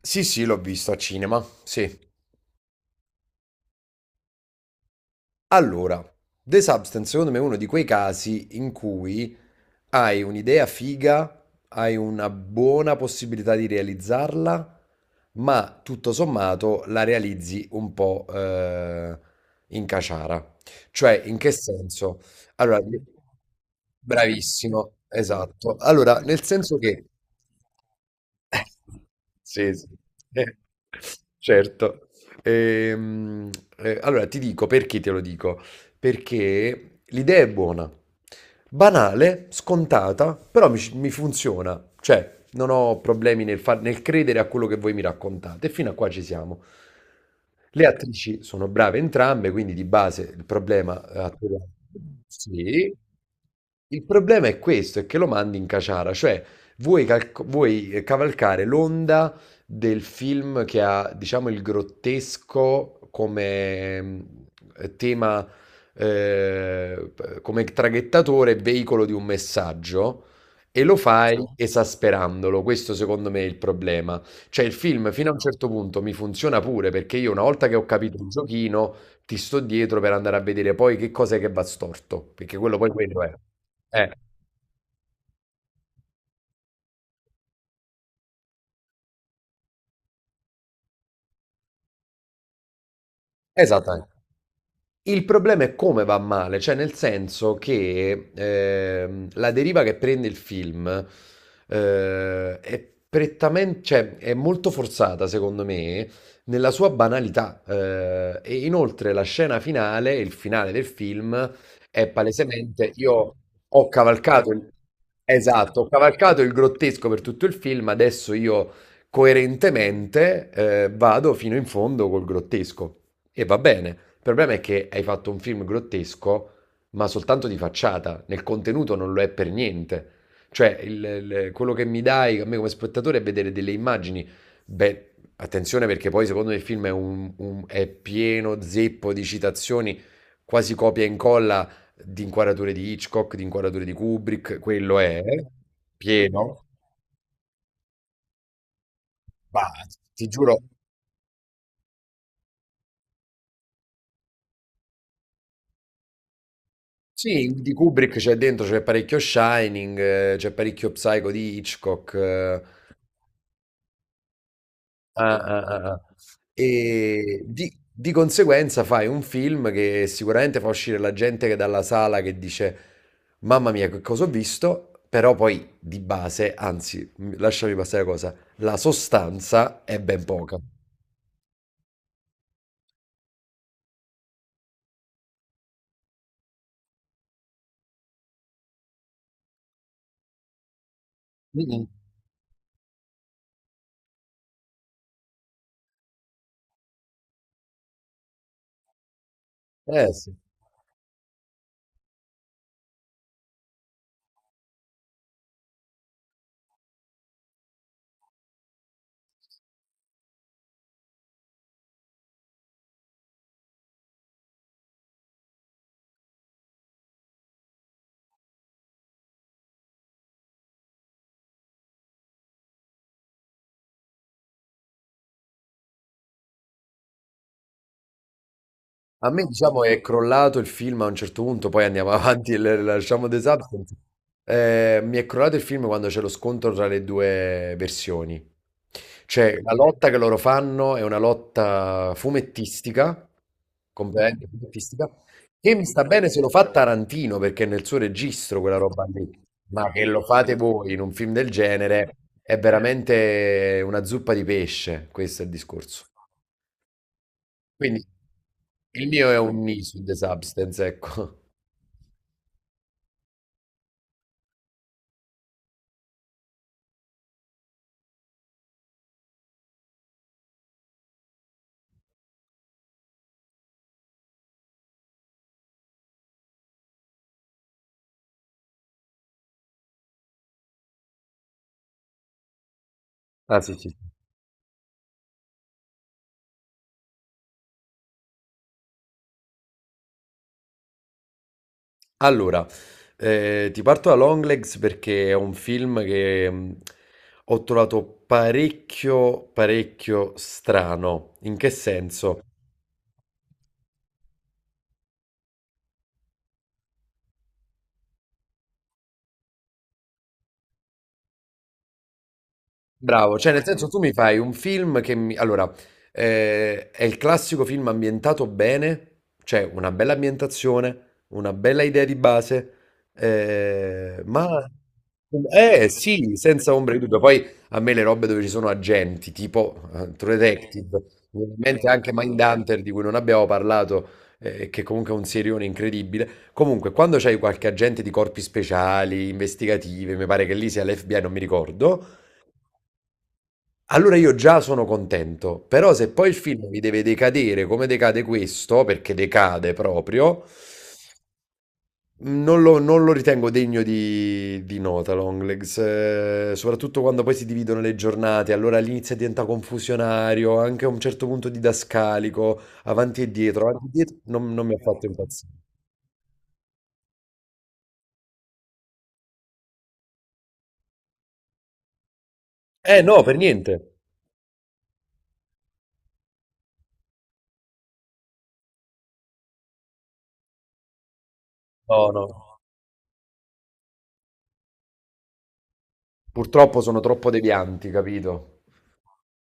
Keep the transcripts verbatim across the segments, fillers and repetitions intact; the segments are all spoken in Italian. Sì, sì, l'ho visto a cinema, sì. Allora, The Substance secondo me è uno di quei casi in cui hai un'idea figa, hai una buona possibilità di realizzarla, ma tutto sommato la realizzi un po' eh, in caciara. Cioè, in che senso? Allora, bravissimo, esatto. Allora, nel senso che... Sì, sì. Eh, certo. Ehm, eh, allora ti dico perché te lo dico perché l'idea è buona. Banale, scontata, però mi, mi funziona. Cioè, non ho problemi nel, far- nel credere a quello che voi mi raccontate. E fino a qua ci siamo. Le attrici sono brave entrambe, quindi di base il problema eh, attoriale. Sì. Il problema è questo, è che lo mandi in caciara, cioè vuoi, calco- vuoi, eh, cavalcare l'onda del film che ha, diciamo, il grottesco come mm, eh, tema, eh, come traghettatore, veicolo di un messaggio, e lo fai, certo, esasperandolo. Questo secondo me è il problema. Cioè il film fino a un certo punto mi funziona pure, perché io, una volta che ho capito il giochino, ti sto dietro per andare a vedere poi che cosa è che va storto, perché quello poi quello è. Eh, esattamente. Il problema è come va male, cioè nel senso che ehm, la deriva che prende il film eh, è prettamente, cioè è molto forzata secondo me nella sua banalità, eh, e inoltre la scena finale, il finale del film è palesemente io ho cavalcato il, esatto, ho cavalcato il grottesco per tutto il film, adesso io coerentemente eh, vado fino in fondo col grottesco. E va bene. Il problema è che hai fatto un film grottesco, ma soltanto di facciata. Nel contenuto non lo è per niente. Cioè, il- il- quello che mi dai a me come spettatore è vedere delle immagini. Beh, attenzione, perché poi secondo me il film è, un- un- è pieno zeppo di citazioni, quasi copia e incolla di inquadrature di Hitchcock, di inquadrature di Kubrick, quello è eh, pieno. Ma ti giuro. Sì, di Kubrick c'è dentro, c'è parecchio Shining, eh, c'è parecchio Psycho di Hitchcock. eh, ah, ah, ah, ah. E di, di conseguenza fai un film che sicuramente fa uscire la gente che dalla sala che dice mamma mia, che cosa ho visto? Però poi di base, anzi, m- lasciami passare la cosa, la sostanza è ben poca. Mm-mm. Eh sì. A me, diciamo, è crollato il film a un certo punto, poi andiamo avanti e le- lasciamo The Substance. Eh, mi è crollato il film quando c'è lo scontro tra le due versioni. Cioè, la lotta che loro fanno è una lotta fumettistica, completamente fumettistica, che mi sta bene se lo fa Tarantino, perché è nel suo registro quella roba lì. Ma che lo fate voi in un film del genere è veramente una zuppa di pesce, questo è il discorso. Quindi il mio è un knee su The Substance, ecco. Ah, sì, sì. Allora, eh, ti parto da Longlegs perché è un film che mh, ho trovato parecchio, parecchio strano. In che senso? Bravo, cioè nel senso tu mi fai un film che mi... Allora, eh, è il classico film ambientato bene, cioè una bella ambientazione, una bella idea di base, eh, ma... Eh sì, senza ombra di dubbio. Poi a me le robe dove ci sono agenti, tipo eh, True Detective, mi viene in mente anche Mindhunter, di cui non abbiamo parlato, eh, che comunque è un serione incredibile. Comunque, quando c'hai qualche agente di corpi speciali, investigative, mi pare che lì sia l'F B I, non mi ricordo. Allora io già sono contento, però se poi il film mi deve decadere come decade questo, perché decade proprio, non lo, non lo ritengo degno di, di nota Longlegs, eh, soprattutto quando poi si dividono le giornate, allora l'inizio diventa confusionario, anche a un certo punto didascalico, avanti e dietro, avanti e dietro, non, non mi ha fatto impazzire. Eh no, per niente. No, no, purtroppo sono troppo devianti, capito?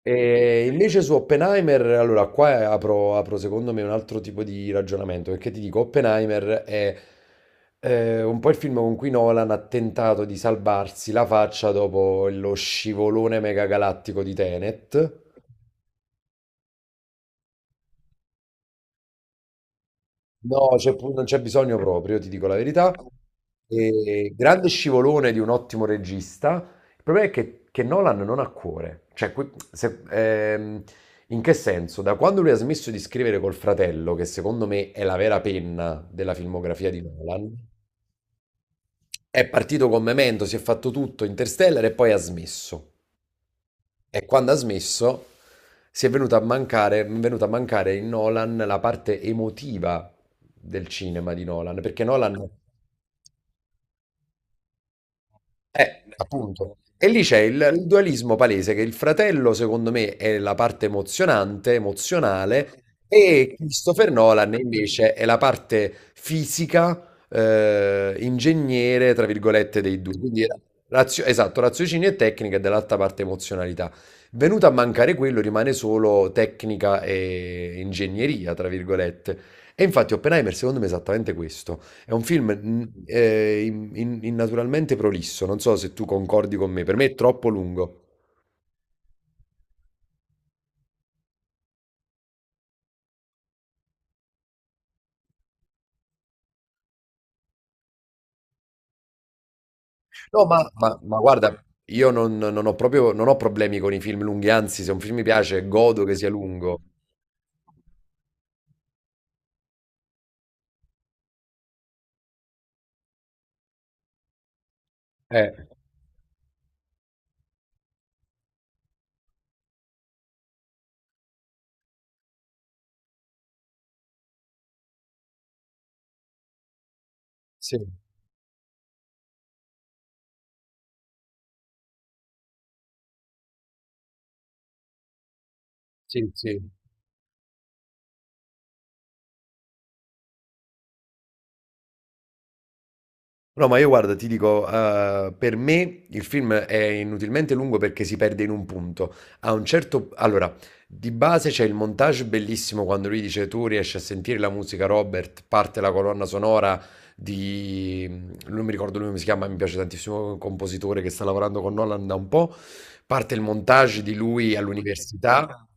E invece su Oppenheimer, allora qua apro, apro secondo me un altro tipo di ragionamento, perché ti dico, Oppenheimer è eh, un po' il film con cui Nolan ha tentato di salvarsi la faccia dopo lo scivolone megagalattico di Tenet. No, c'è pu- non c'è bisogno proprio, ti dico la verità. E grande scivolone di un ottimo regista. Il problema è che, che Nolan non ha cuore. Cioè, que- se- ehm, in che senso? Da quando lui ha smesso di scrivere col fratello, che secondo me è la vera penna della filmografia di Nolan, è partito con Memento, si è fatto tutto, Interstellar e poi ha smesso. E quando ha smesso, si è venuta a mancare, è venuta a mancare in Nolan la parte emotiva del cinema di Nolan, perché Nolan, eh, appunto, e lì c'è il, il dualismo palese, che il fratello, secondo me, è la parte emozionante, emozionale, e Christopher Nolan invece è la parte fisica, eh, ingegnere, tra virgolette, dei due. Quindi era razio- esatto, raziocinio e tecnica, e dall'altra parte emozionalità. Venuto a mancare quello, rimane solo tecnica e ingegneria, tra virgolette. E infatti Oppenheimer, secondo me, è esattamente questo. È un film mm, eh, in- in- innaturalmente prolisso, non so se tu concordi con me, per me è troppo lungo. No, ma, ma- ma guarda, io non, non ho proprio, non ho problemi con i film lunghi, anzi, se un film mi piace, godo che sia lungo. Eh, sì, sì, sì. No, ma io guarda, ti dico, eh, per me il film è inutilmente lungo perché si perde in un punto. A un certo... Allora, di base c'è il montage bellissimo quando lui dice tu riesci a sentire la musica Robert, parte la colonna sonora di... Non mi ricordo lui come si chiama, mi piace tantissimo, un compositore che sta lavorando con Nolan da un po'. Parte il montage di lui all'università.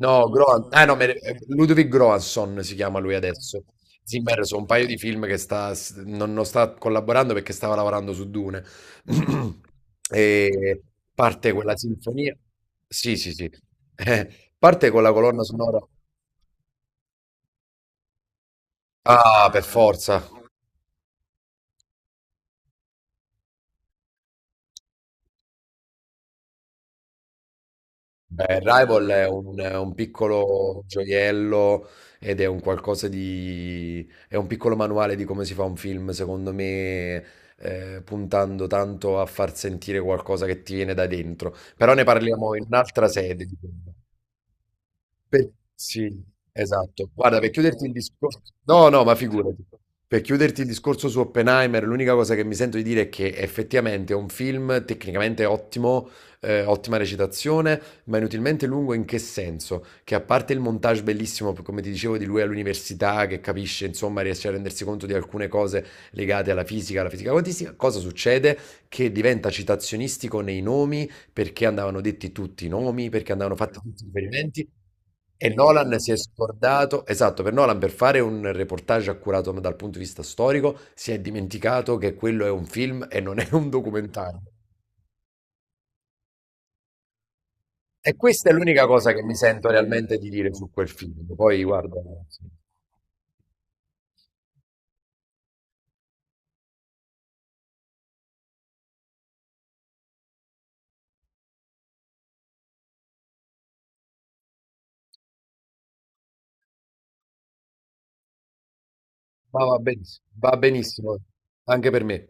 No, Groan, ah, no, me- Ludwig Göransson si chiama lui adesso. Zimmer sono un paio di film che sta, s- non, non sta collaborando perché stava lavorando su Dune. E parte quella sinfonia. Sì, sì, sì. Eh, parte con la colonna sonora. Ah, per forza. Beh, Rival è un, è un piccolo gioiello ed è un qualcosa di... è un piccolo manuale di come si fa un film, secondo me, eh, puntando tanto a far sentire qualcosa che ti viene da dentro. Però ne parliamo in un'altra sede. Pe Sì, esatto. Guarda, per chiuderti il discorso, no, no, ma figurati. Per chiuderti il discorso su Oppenheimer, l'unica cosa che mi sento di dire è che effettivamente è un film tecnicamente ottimo, ehm, ottima recitazione, ma inutilmente lungo, in che senso? Che a parte il montage bellissimo, p come ti dicevo, di lui all'università che capisce, insomma, riesce a rendersi conto di alcune cose legate alla fisica, alla fisica quantistica, cosa succede? Che diventa citazionistico nei nomi perché andavano detti tutti i nomi, perché andavano fatti tutti i riferimenti. E Nolan si è scordato, esatto, per Nolan, per fare un reportage accurato dal punto di vista storico, si è dimenticato che quello è un film e non è un documentario. E questa è l'unica cosa che mi sento realmente di dire su quel film. Poi guarda, sì, ma va benissimo, va benissimo anche per me.